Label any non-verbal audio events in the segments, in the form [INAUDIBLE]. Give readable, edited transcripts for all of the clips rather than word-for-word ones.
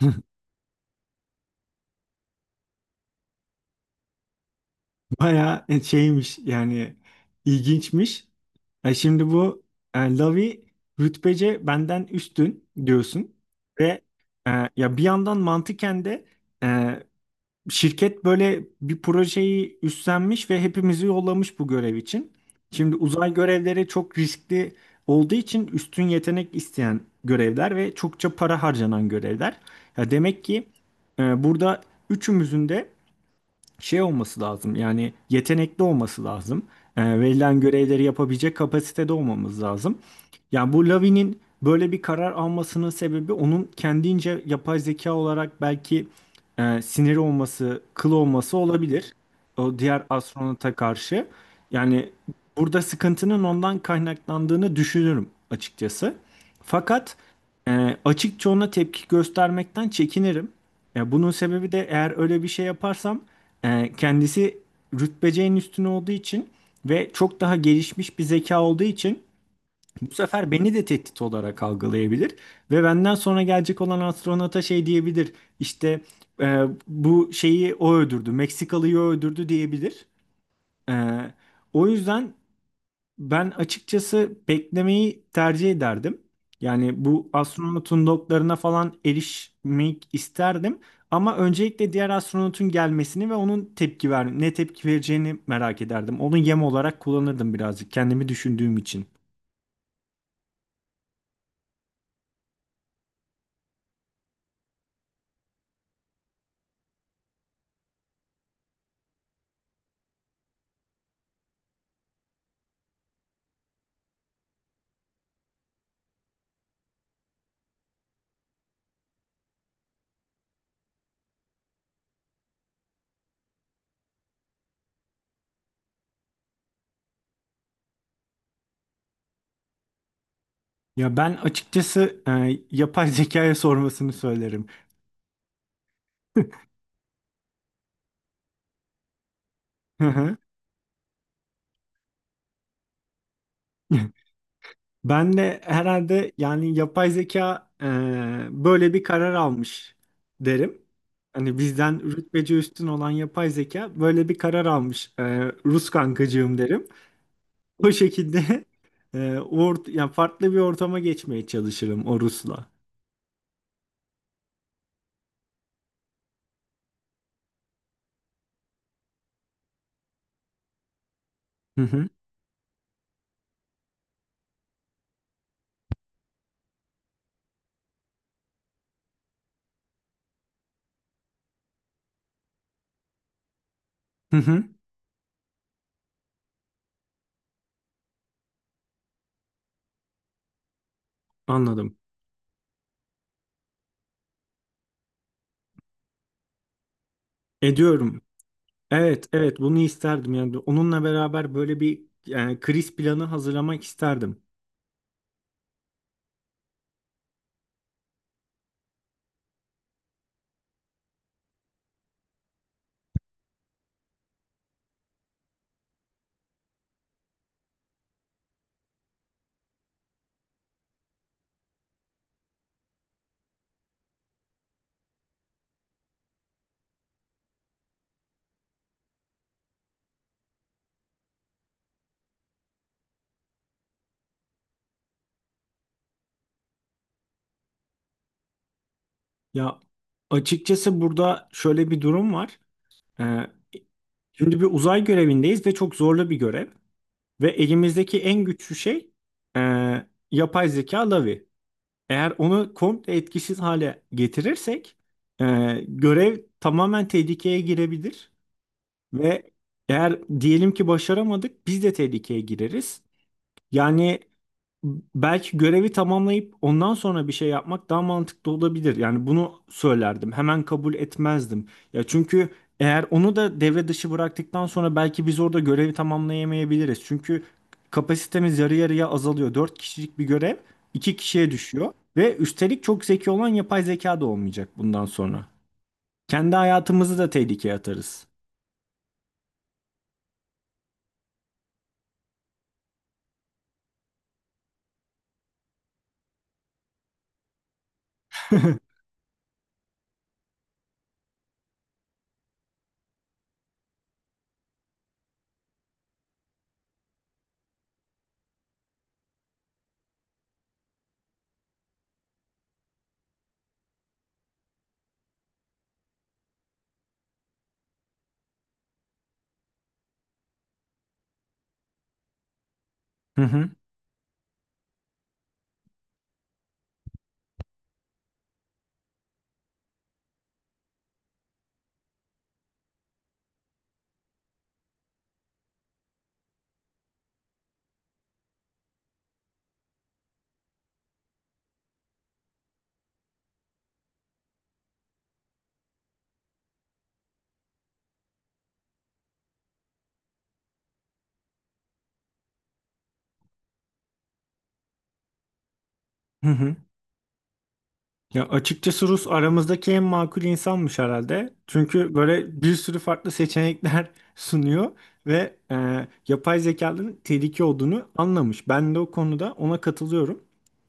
[LAUGHS] Bayağı şeymiş yani ilginçmiş. E şimdi bu Lavi rütbece benden üstün diyorsun ve e, ya bir yandan mantıken de e, şirket böyle bir projeyi üstlenmiş ve hepimizi yollamış bu görev için. Şimdi uzay görevleri çok riskli olduğu için üstün yetenek isteyen görevler ve çokça para harcanan görevler. Ya demek ki burada üçümüzün de şey olması lazım yani yetenekli olması lazım. E, verilen görevleri yapabilecek kapasitede olmamız lazım. Yani bu Lavi'nin böyle bir karar almasının sebebi onun kendince yapay zeka olarak belki siniri olması, kıl olması olabilir. O diğer astronota karşı. Yani burada sıkıntının ondan kaynaklandığını düşünürüm açıkçası. Fakat açıkça ona tepki göstermekten çekinirim. E, bunun sebebi de eğer öyle bir şey yaparsam kendisi rütbeceğin üstüne olduğu için ve çok daha gelişmiş bir zeka olduğu için bu sefer beni de tehdit olarak algılayabilir ve benden sonra gelecek olan astronota şey diyebilir. İşte bu şeyi o öldürdü, Meksikalıyı o öldürdü diyebilir. E, o yüzden ben açıkçası beklemeyi tercih ederdim. Yani bu astronotun loglarına falan erişmek isterdim. Ama öncelikle diğer astronotun gelmesini ve onun ne tepki vereceğini merak ederdim. Onu yem olarak kullanırdım birazcık kendimi düşündüğüm için. Ya ben açıkçası yapay zekaya sormasını söylerim. Hı hı. [LAUGHS] Ben de herhalde yani yapay zeka böyle bir karar almış derim. Hani bizden rütbeci üstün olan yapay zeka böyle bir karar almış. E, Rus kankacığım derim. O şekilde [LAUGHS] e, ort ya farklı bir ortama geçmeye çalışırım o Rus'la. Hı hı. Hı hı. Anladım. Ediyorum. Evet, evet bunu isterdim yani onunla beraber böyle bir yani kriz planı hazırlamak isterdim. Ya açıkçası burada şöyle bir durum var. Ee, Şimdi bir uzay görevindeyiz ve çok zorlu bir görev ve elimizdeki en güçlü şey e, yapay zeka Lavi. Eğer onu komple etkisiz hale getirirsek e, görev tamamen tehlikeye girebilir ve eğer diyelim ki başaramadık biz de tehlikeye gireriz. Yani belki görevi tamamlayıp ondan sonra bir şey yapmak daha mantıklı olabilir. Yani bunu söylerdim. Hemen kabul etmezdim. Ya çünkü eğer onu da devre dışı bıraktıktan sonra belki biz orada görevi tamamlayamayabiliriz. Çünkü kapasitemiz yarı yarıya azalıyor. 4 kişilik bir görev 2 kişiye düşüyor ve üstelik çok zeki olan yapay zeka da olmayacak bundan sonra. Kendi hayatımızı da tehlikeye atarız. Hı hı. Hı hı. Ya açıkçası Rus aramızdaki en makul insanmış herhalde. Çünkü böyle bir sürü farklı seçenekler [LAUGHS] sunuyor ve yapay zekanın tehlike olduğunu anlamış. Ben de o konuda ona katılıyorum.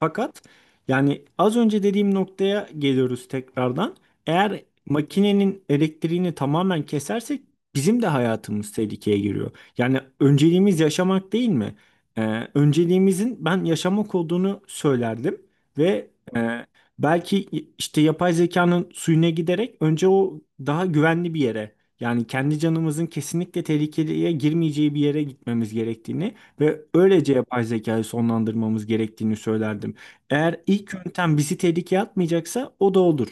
Fakat yani az önce dediğim noktaya geliyoruz tekrardan. Eğer makinenin elektriğini tamamen kesersek bizim de hayatımız tehlikeye giriyor. Yani önceliğimiz yaşamak değil mi? E, önceliğimizin ben yaşamak olduğunu söylerdim ve e, belki işte yapay zekanın suyuna giderek önce o daha güvenli bir yere yani kendi canımızın kesinlikle tehlikeye girmeyeceği bir yere gitmemiz gerektiğini ve öylece yapay zekayı sonlandırmamız gerektiğini söylerdim. Eğer ilk yöntem bizi tehlikeye atmayacaksa o da olur.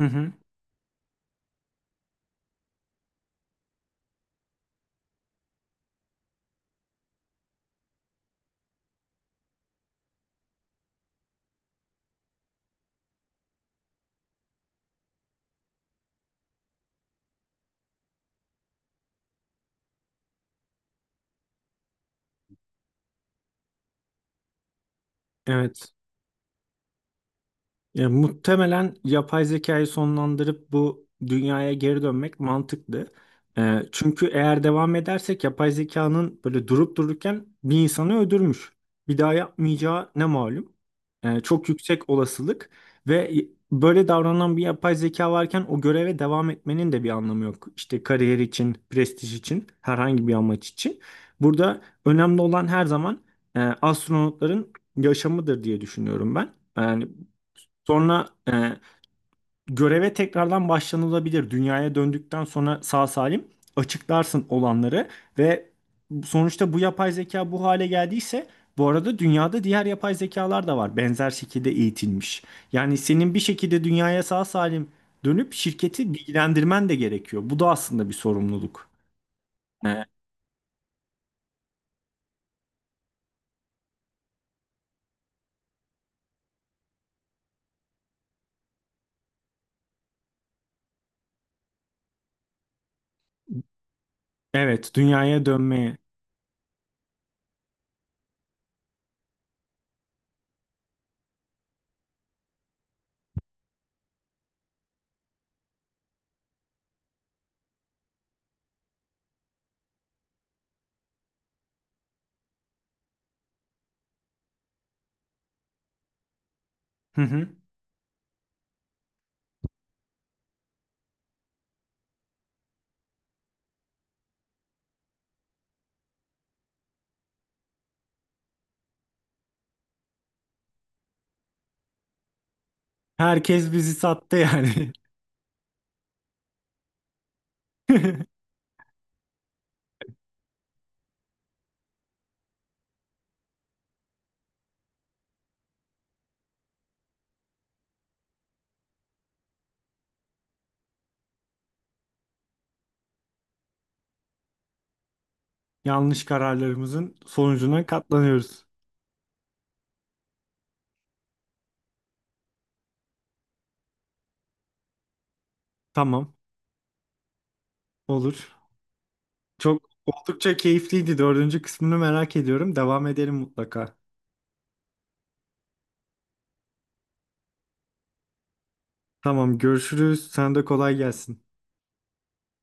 Hı hı. Evet. Ya, muhtemelen yapay zekayı sonlandırıp bu dünyaya geri dönmek mantıklı. Çünkü eğer devam edersek yapay zekanın böyle durup dururken bir insanı öldürmüş. Bir daha yapmayacağı ne malum. Çok yüksek olasılık ve böyle davranan bir yapay zeka varken o göreve devam etmenin de bir anlamı yok. İşte kariyer için, prestij için, herhangi bir amaç için. Burada önemli olan her zaman astronotların yaşamıdır diye düşünüyorum ben. Yani sonra göreve tekrardan başlanılabilir. Dünyaya döndükten sonra sağ salim açıklarsın olanları ve sonuçta bu yapay zeka bu hale geldiyse bu arada dünyada diğer yapay zekalar da var. Benzer şekilde eğitilmiş. Yani senin bir şekilde dünyaya sağ salim dönüp şirketi bilgilendirmen de gerekiyor. Bu da aslında bir sorumluluk. E, evet, dünyaya dönmeye. Hı hı. Herkes bizi sattı yani. [LAUGHS] Yanlış kararlarımızın sonucuna katlanıyoruz. Tamam. Olur. Çok oldukça keyifliydi. Dördüncü kısmını merak ediyorum. Devam edelim mutlaka. Tamam, görüşürüz. Sen de kolay gelsin.